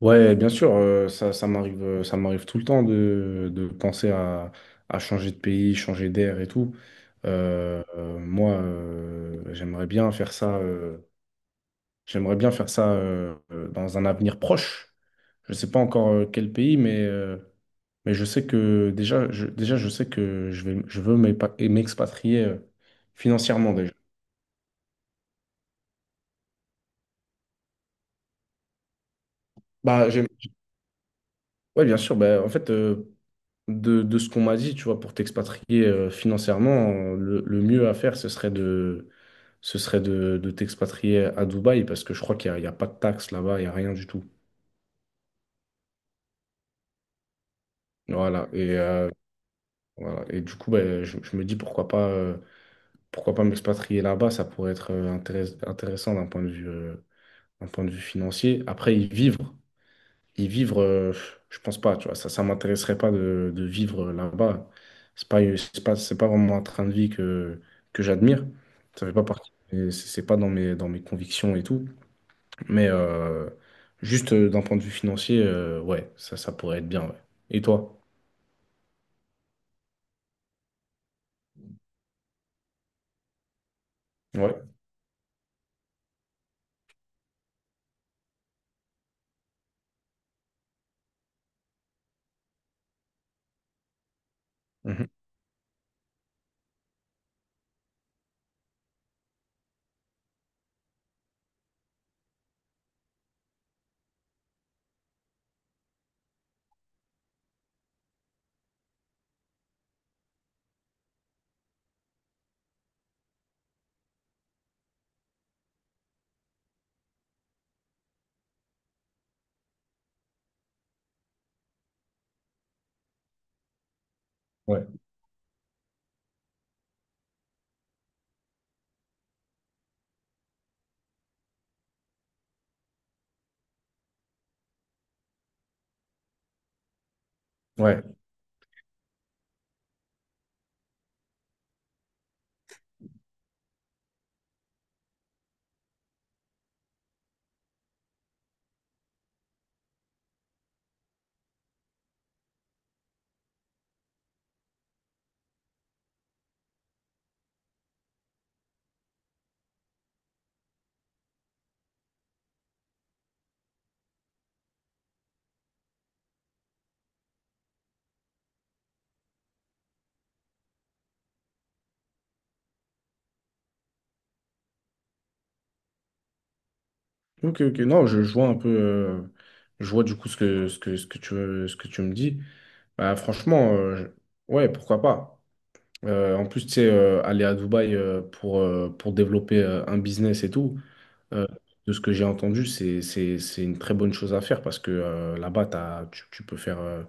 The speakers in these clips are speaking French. Ouais, bien sûr, ça m'arrive tout le temps de penser à changer de pays, changer d'air et tout. Moi, j'aimerais bien faire ça, dans un avenir proche. Je ne sais pas encore quel pays, mais je sais que déjà, déjà, je sais que je veux m'expatrier financièrement déjà. Bah, ouais, bien sûr. Bah, en fait, de ce qu'on m'a dit, tu vois, pour t'expatrier financièrement, le mieux à faire, ce serait de t'expatrier à Dubaï parce que je crois il y a pas de taxes là-bas, il n'y a rien du tout. Voilà. Et, voilà. Et du coup, ben, je me dis pourquoi pas, pourquoi pas m'expatrier là-bas, ça pourrait être intéressant d'un point de vue, d'un point de vue financier. Après, y vivre. Et vivre, je pense pas, tu vois, ça m'intéresserait pas de vivre là-bas. C'est pas vraiment un train de vie que j'admire. Ça fait pas partie, et c'est pas dans mes convictions et tout. Mais juste d'un point de vue financier, ouais, ça pourrait être bien, ouais. Et toi? Ouais. Mhm. Ouais. Ouais. Ok, ok. Non, je vois un peu, je vois du coup ce que, ce que, ce que tu me dis. Bah, franchement, ouais, pourquoi pas? En plus, tu sais, aller à Dubaï pour développer un business et tout, euh, de ce que j'ai entendu, c'est une très bonne chose à faire parce que là-bas, tu peux faire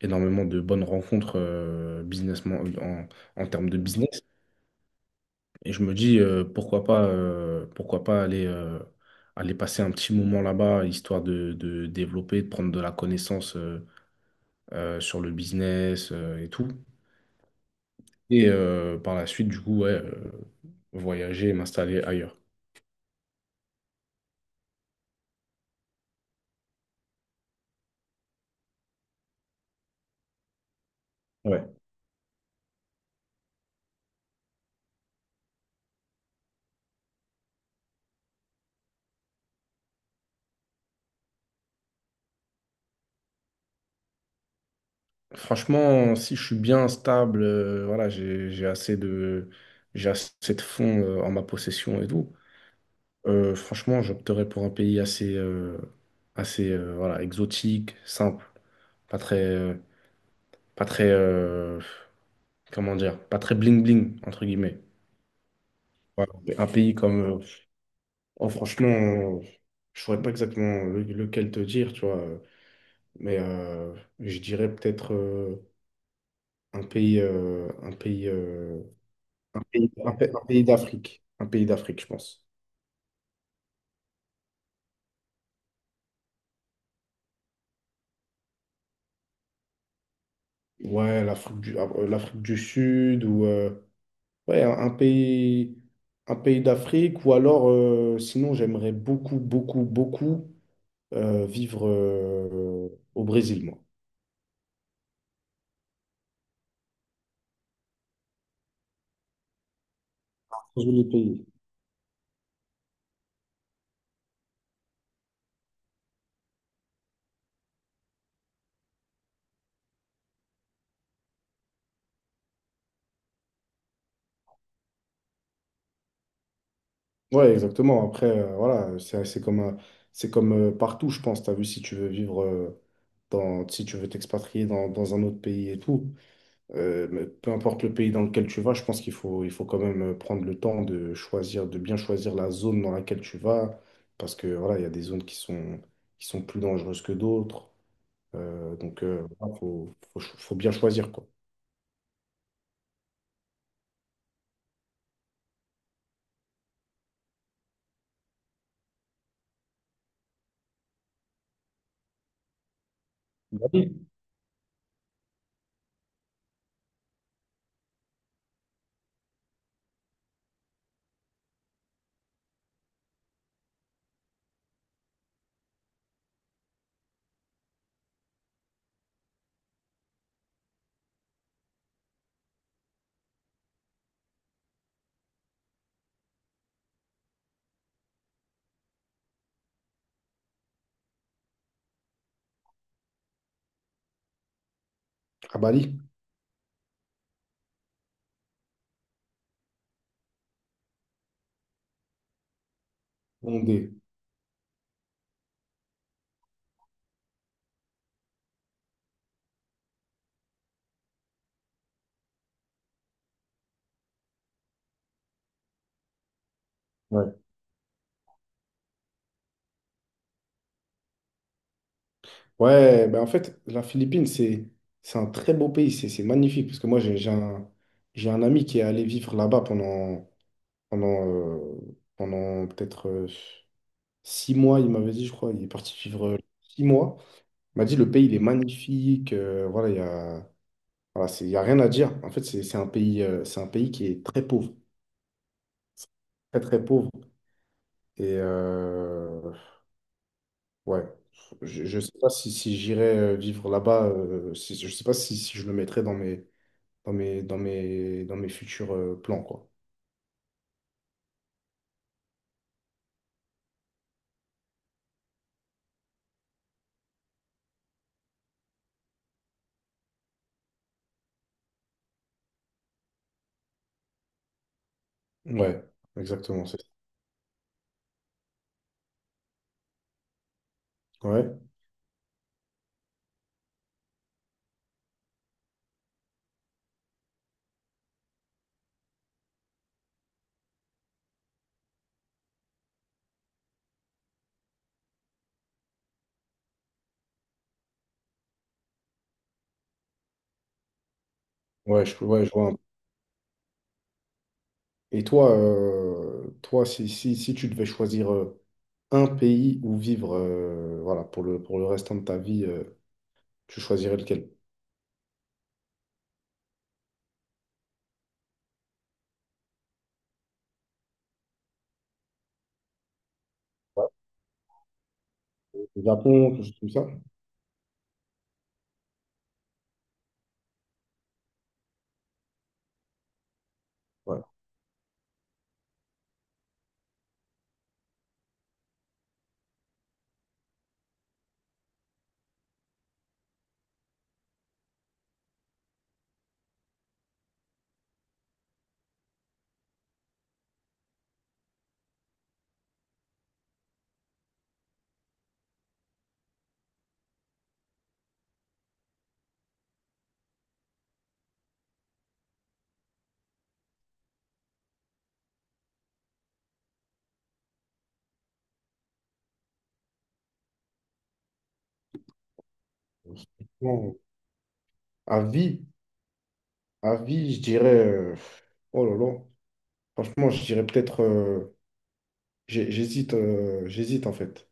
énormément de bonnes rencontres business, en termes de business. Et je me dis, pourquoi pas aller passer un petit moment là-bas, histoire de développer, de prendre de la connaissance sur le business et tout. Et par la suite, du coup, ouais, voyager et m'installer ailleurs. Ouais. Franchement, si je suis bien stable, voilà, j'ai assez de fonds en ma possession et tout. Franchement, j'opterais pour un pays assez, voilà, exotique, simple, pas très, pas très, comment dire, pas très bling bling entre guillemets. Ouais, un pays comme, oh, franchement, je saurais pas exactement lequel te dire, tu vois. Mais je dirais peut-être un pays, euh, un pays, euh, un pays d'Afrique. Un pays d'Afrique, je pense. Ouais, l'Afrique du Sud ou ouais, un pays d'Afrique. Ou alors, sinon, j'aimerais beaucoup, beaucoup, beaucoup vivre au Brésil, moi. Joli pays. Ouais, exactement. Après, voilà, c'est comme, partout, je pense. Tu as vu, si tu veux vivre, si tu veux t'expatrier dans un autre pays et tout, mais peu importe le pays dans lequel tu vas, je pense il faut quand même prendre le temps de choisir, de bien choisir la zone dans laquelle tu vas, parce que voilà, il y a des zones qui sont plus dangereuses que d'autres. Donc, il faut, faut, cho- faut bien choisir, quoi. Bali. À Bali. Bondé. Ouais, ben en fait, la Philippine, c'est un très beau pays, c'est magnifique, parce que moi, j'ai un ami qui est allé vivre là-bas pendant peut-être 6 mois, il m'avait dit, je crois, il est parti vivre 6 mois. Il m'a dit, le pays, il est magnifique, voilà, il y a rien à dire. En fait, c'est un pays qui est très pauvre, très, très pauvre. Et ouais, je ne sais pas si j'irais vivre là-bas, si, je sais pas si je le mettrais dans mes futurs plans, quoi. Ouais, exactement, c'est ça. Ouais, ouais, je vois. Et toi, si tu devais choisir un pays où vivre, voilà, pour le restant de ta vie, tu choisirais lequel? Ouais, le Japon, quelque chose comme ça? Ouais. Franchement, à vie, à vie, je dirais, oh là là, franchement, je dirais peut-être, j'hésite en fait,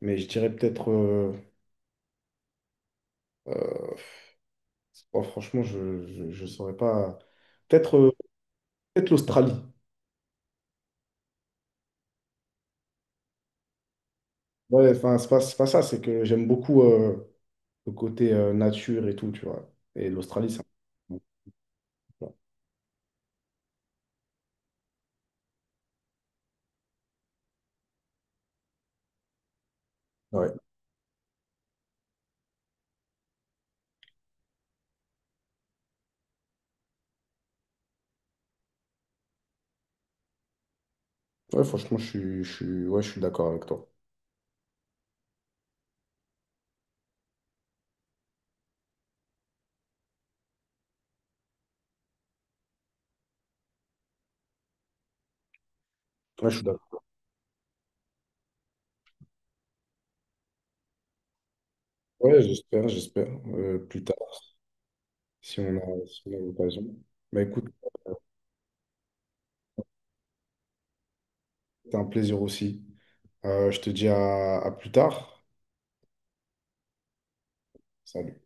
mais je dirais peut-être euh, oh, franchement, saurais pas. Peut-être euh, peut-être l'Australie. Ouais, enfin, c'est pas ça, c'est que j'aime beaucoup le côté nature et tout, tu vois. Et l'Australie, ça. Ouais. Ouais, franchement, ouais, je suis d'accord avec toi. Ouais, je suis d'accord. Ouais, j'espère, j'espère. Plus tard, si on a l'occasion. Bah écoute, c'était un plaisir aussi. Je te dis à plus tard. Salut.